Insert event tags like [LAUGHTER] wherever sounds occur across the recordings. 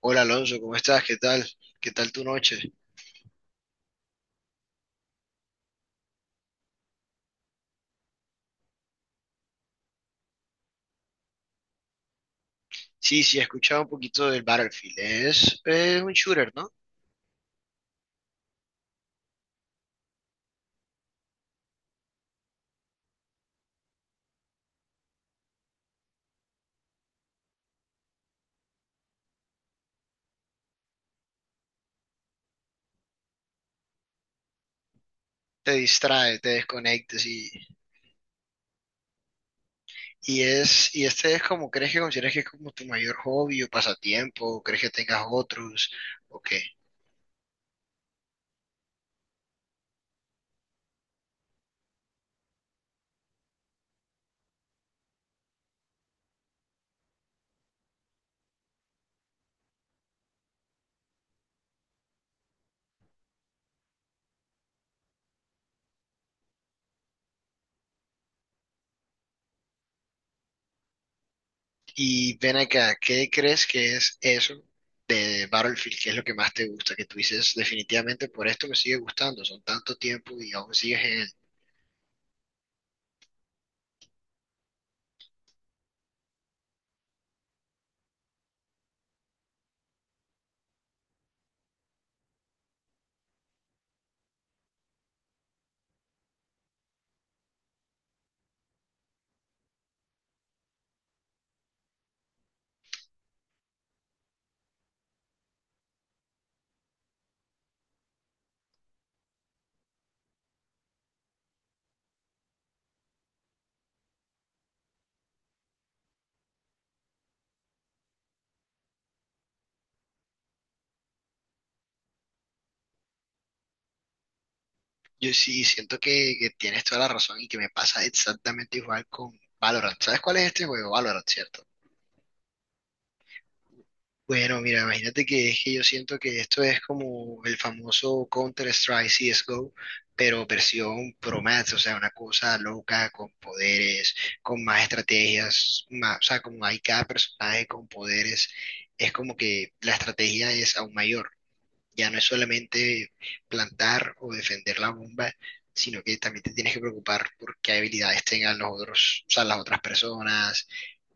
Hola Alonso, ¿cómo estás? ¿Qué tal? ¿Qué tal tu noche? Sí, sí, he escuchado un poquito del Battlefield. Es un shooter, ¿no? Te distrae, te desconectas y este es como, ¿crees que consideras que es como tu mayor hobby o pasatiempo? ¿O crees que tengas otros? ¿O qué? Y ven acá, ¿qué crees que es eso de Battlefield? ¿Qué es lo que más te gusta? Que tú dices, definitivamente por esto me sigue gustando. Son tanto tiempo y aún sigues. Yo sí siento que tienes toda la razón y que me pasa exactamente igual con Valorant. ¿Sabes cuál es este juego? Valorant, ¿cierto? Bueno, mira, imagínate que es que yo siento que esto es como el famoso Counter-Strike CSGO, pero versión Pro Max, o sea, una cosa loca con poderes, con más estrategias, más, o sea, como hay cada personaje con poderes, es como que la estrategia es aún mayor. Ya no es solamente plantar o defender la bomba, sino que también te tienes que preocupar por qué habilidades tengan los otros, o sea, las otras personas,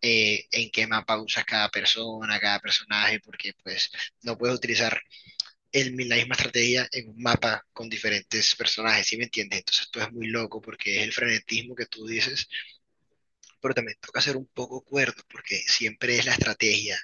en qué mapa usas cada persona, cada personaje, porque pues no puedes utilizar el, mi- la misma estrategia en un mapa con diferentes personajes, ¿sí me entiendes? Entonces tú es muy loco porque es el frenetismo que tú dices, pero también toca ser un poco cuerdo, porque siempre es la estrategia.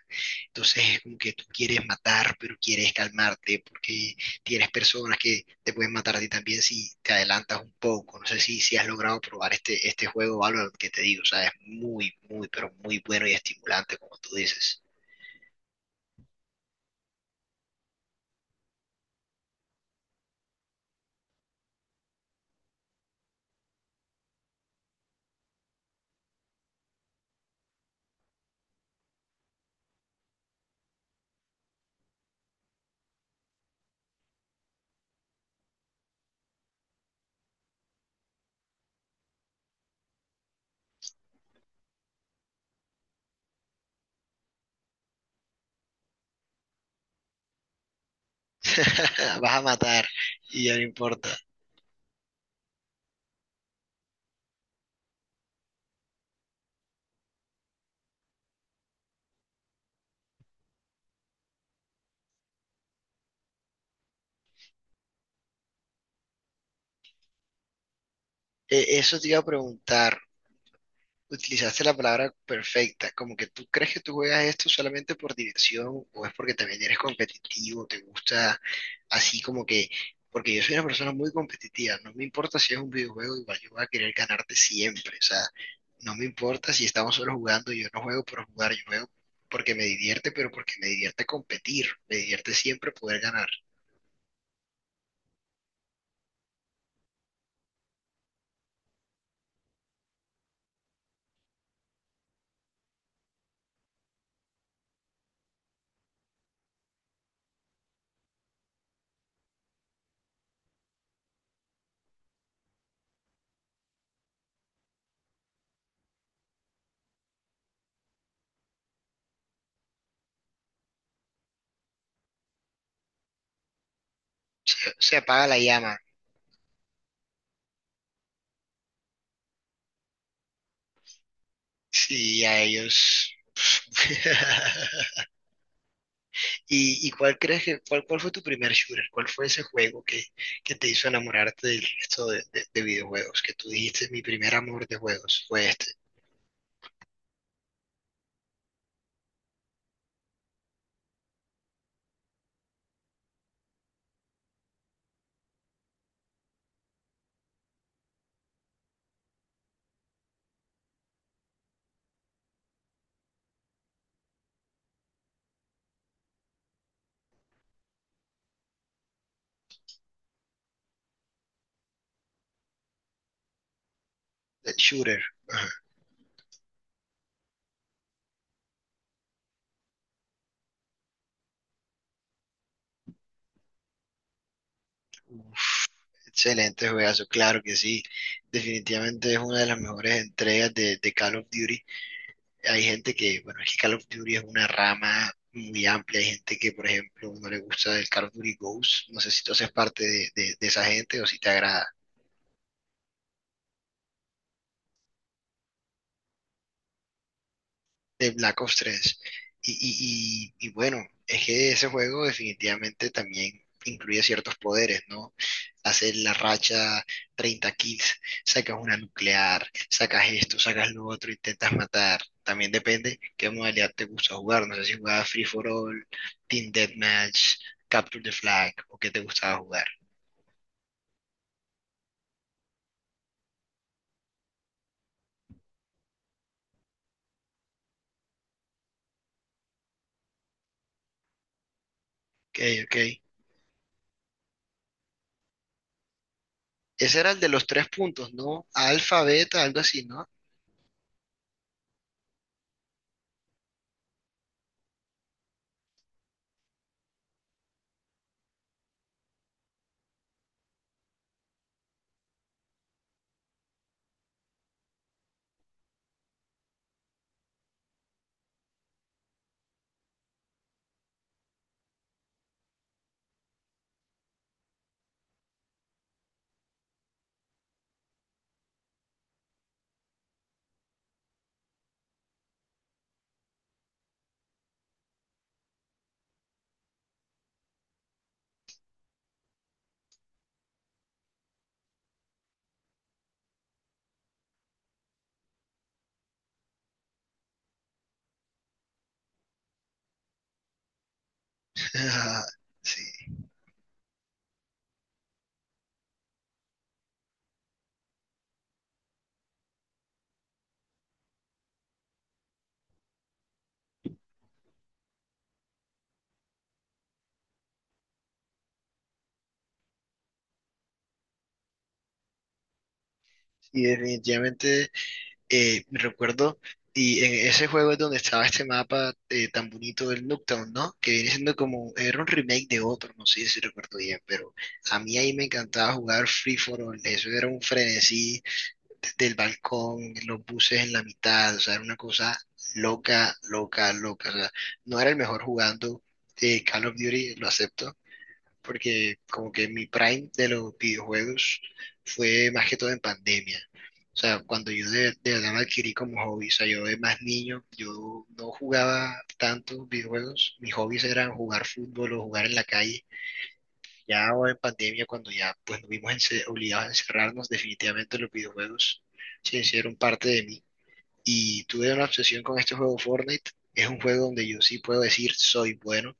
Entonces es como que tú quieres matar, pero quieres calmarte, porque tienes personas que te pueden matar a ti también si te adelantas un poco. No sé si has logrado probar este juego Valorant que te digo, o sea, es muy, muy, pero muy bueno y estimulante, como tú dices. [LAUGHS] Vas a matar y ya no importa. Eso te iba a preguntar. Utilizaste la palabra perfecta, como que tú crees que tú juegas esto solamente por diversión o es porque también eres competitivo, te gusta así como que, porque yo soy una persona muy competitiva, no me importa si es un videojuego, igual yo voy a querer ganarte siempre, o sea, no me importa si estamos solo jugando, yo no juego por jugar, yo juego porque me divierte, pero porque me divierte competir, me divierte siempre poder ganar. Se apaga la llama, sí, a ellos. [LAUGHS] ¿Y cuál fue tu primer shooter? ¿Cuál fue ese juego que te hizo enamorarte del resto de videojuegos? Que tú dijiste, mi primer amor de juegos fue este, el shooter. Ajá. Uf, excelente juegazo, claro que sí. Definitivamente es una de las mejores entregas de Call of Duty. Hay gente que, bueno, es que Call of Duty es una rama muy amplia. Hay gente que, por ejemplo, no le gusta el Call of Duty Ghost. No sé si tú haces parte de esa gente o si te agrada. De Black Ops tres. Y bueno, es que ese juego definitivamente también incluye ciertos poderes, ¿no? Hacer la racha 30 kills, sacas una nuclear, sacas esto, sacas lo otro, intentas matar. También depende qué modalidad te gusta jugar. No sé si jugabas Free for All, Team Deathmatch, Capture the Flag o qué te gustaba jugar. Ok, ok. Ese era el de los tres puntos, ¿no? Alfa, beta, algo así, ¿no? [LAUGHS] Sí. Y definitivamente me recuerdo, y en ese juego es donde estaba este mapa tan bonito del Nuketown, ¿no? Que viene siendo como, era un remake de otro, no sé si recuerdo bien, pero a mí ahí me encantaba jugar Free for All, eso era un frenesí desde el balcón, los buses en la mitad, o sea, era una cosa loca, loca, loca, o sea, no era el mejor jugando Call of Duty, lo acepto porque como que mi prime de los videojuegos fue más que todo en pandemia. O sea, cuando yo de verdad me adquirí como hobby, o sea, yo de más niño, yo no jugaba tantos videojuegos, mis hobbies eran jugar fútbol o jugar en la calle. Ya ahora en pandemia, cuando ya pues nos vimos ence- obligados a encerrarnos, definitivamente los videojuegos se hicieron parte de mí. Y tuve una obsesión con este juego Fortnite, es un juego donde yo sí puedo decir soy bueno,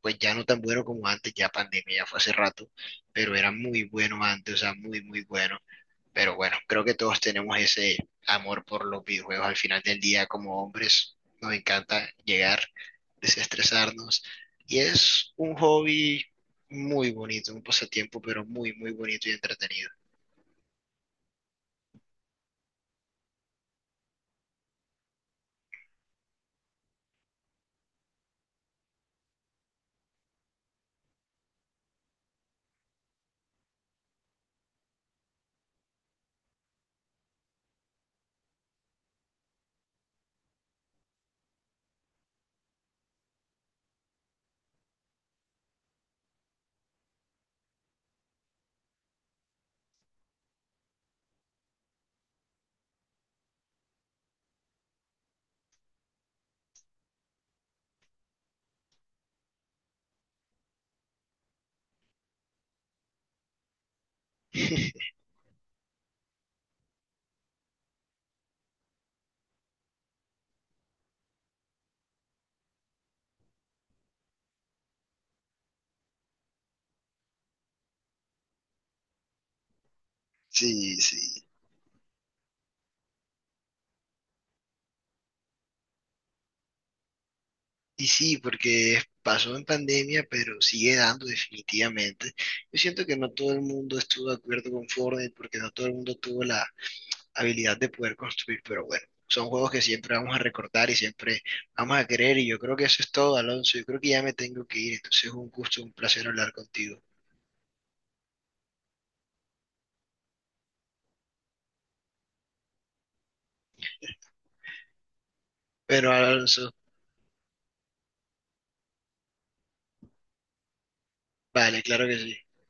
pues ya no tan bueno como antes, ya pandemia, ya fue hace rato, pero era muy bueno antes, o sea, muy, muy bueno. Pero bueno, creo que todos tenemos ese amor por los videojuegos. Al final del día, como hombres, nos encanta llegar, desestresarnos. Y es un hobby muy bonito, un pasatiempo, pero muy, muy bonito y entretenido. [LAUGHS] Sí, sí. Y sí, porque pasó en pandemia, pero sigue dando definitivamente. Yo siento que no todo el mundo estuvo de acuerdo con Fortnite porque no todo el mundo tuvo la habilidad de poder construir, pero bueno, son juegos que siempre vamos a recordar y siempre vamos a querer y yo creo que eso es todo, Alonso. Yo creo que ya me tengo que ir, entonces es un gusto, un placer hablar contigo. Pero Alonso, vale, claro que sí.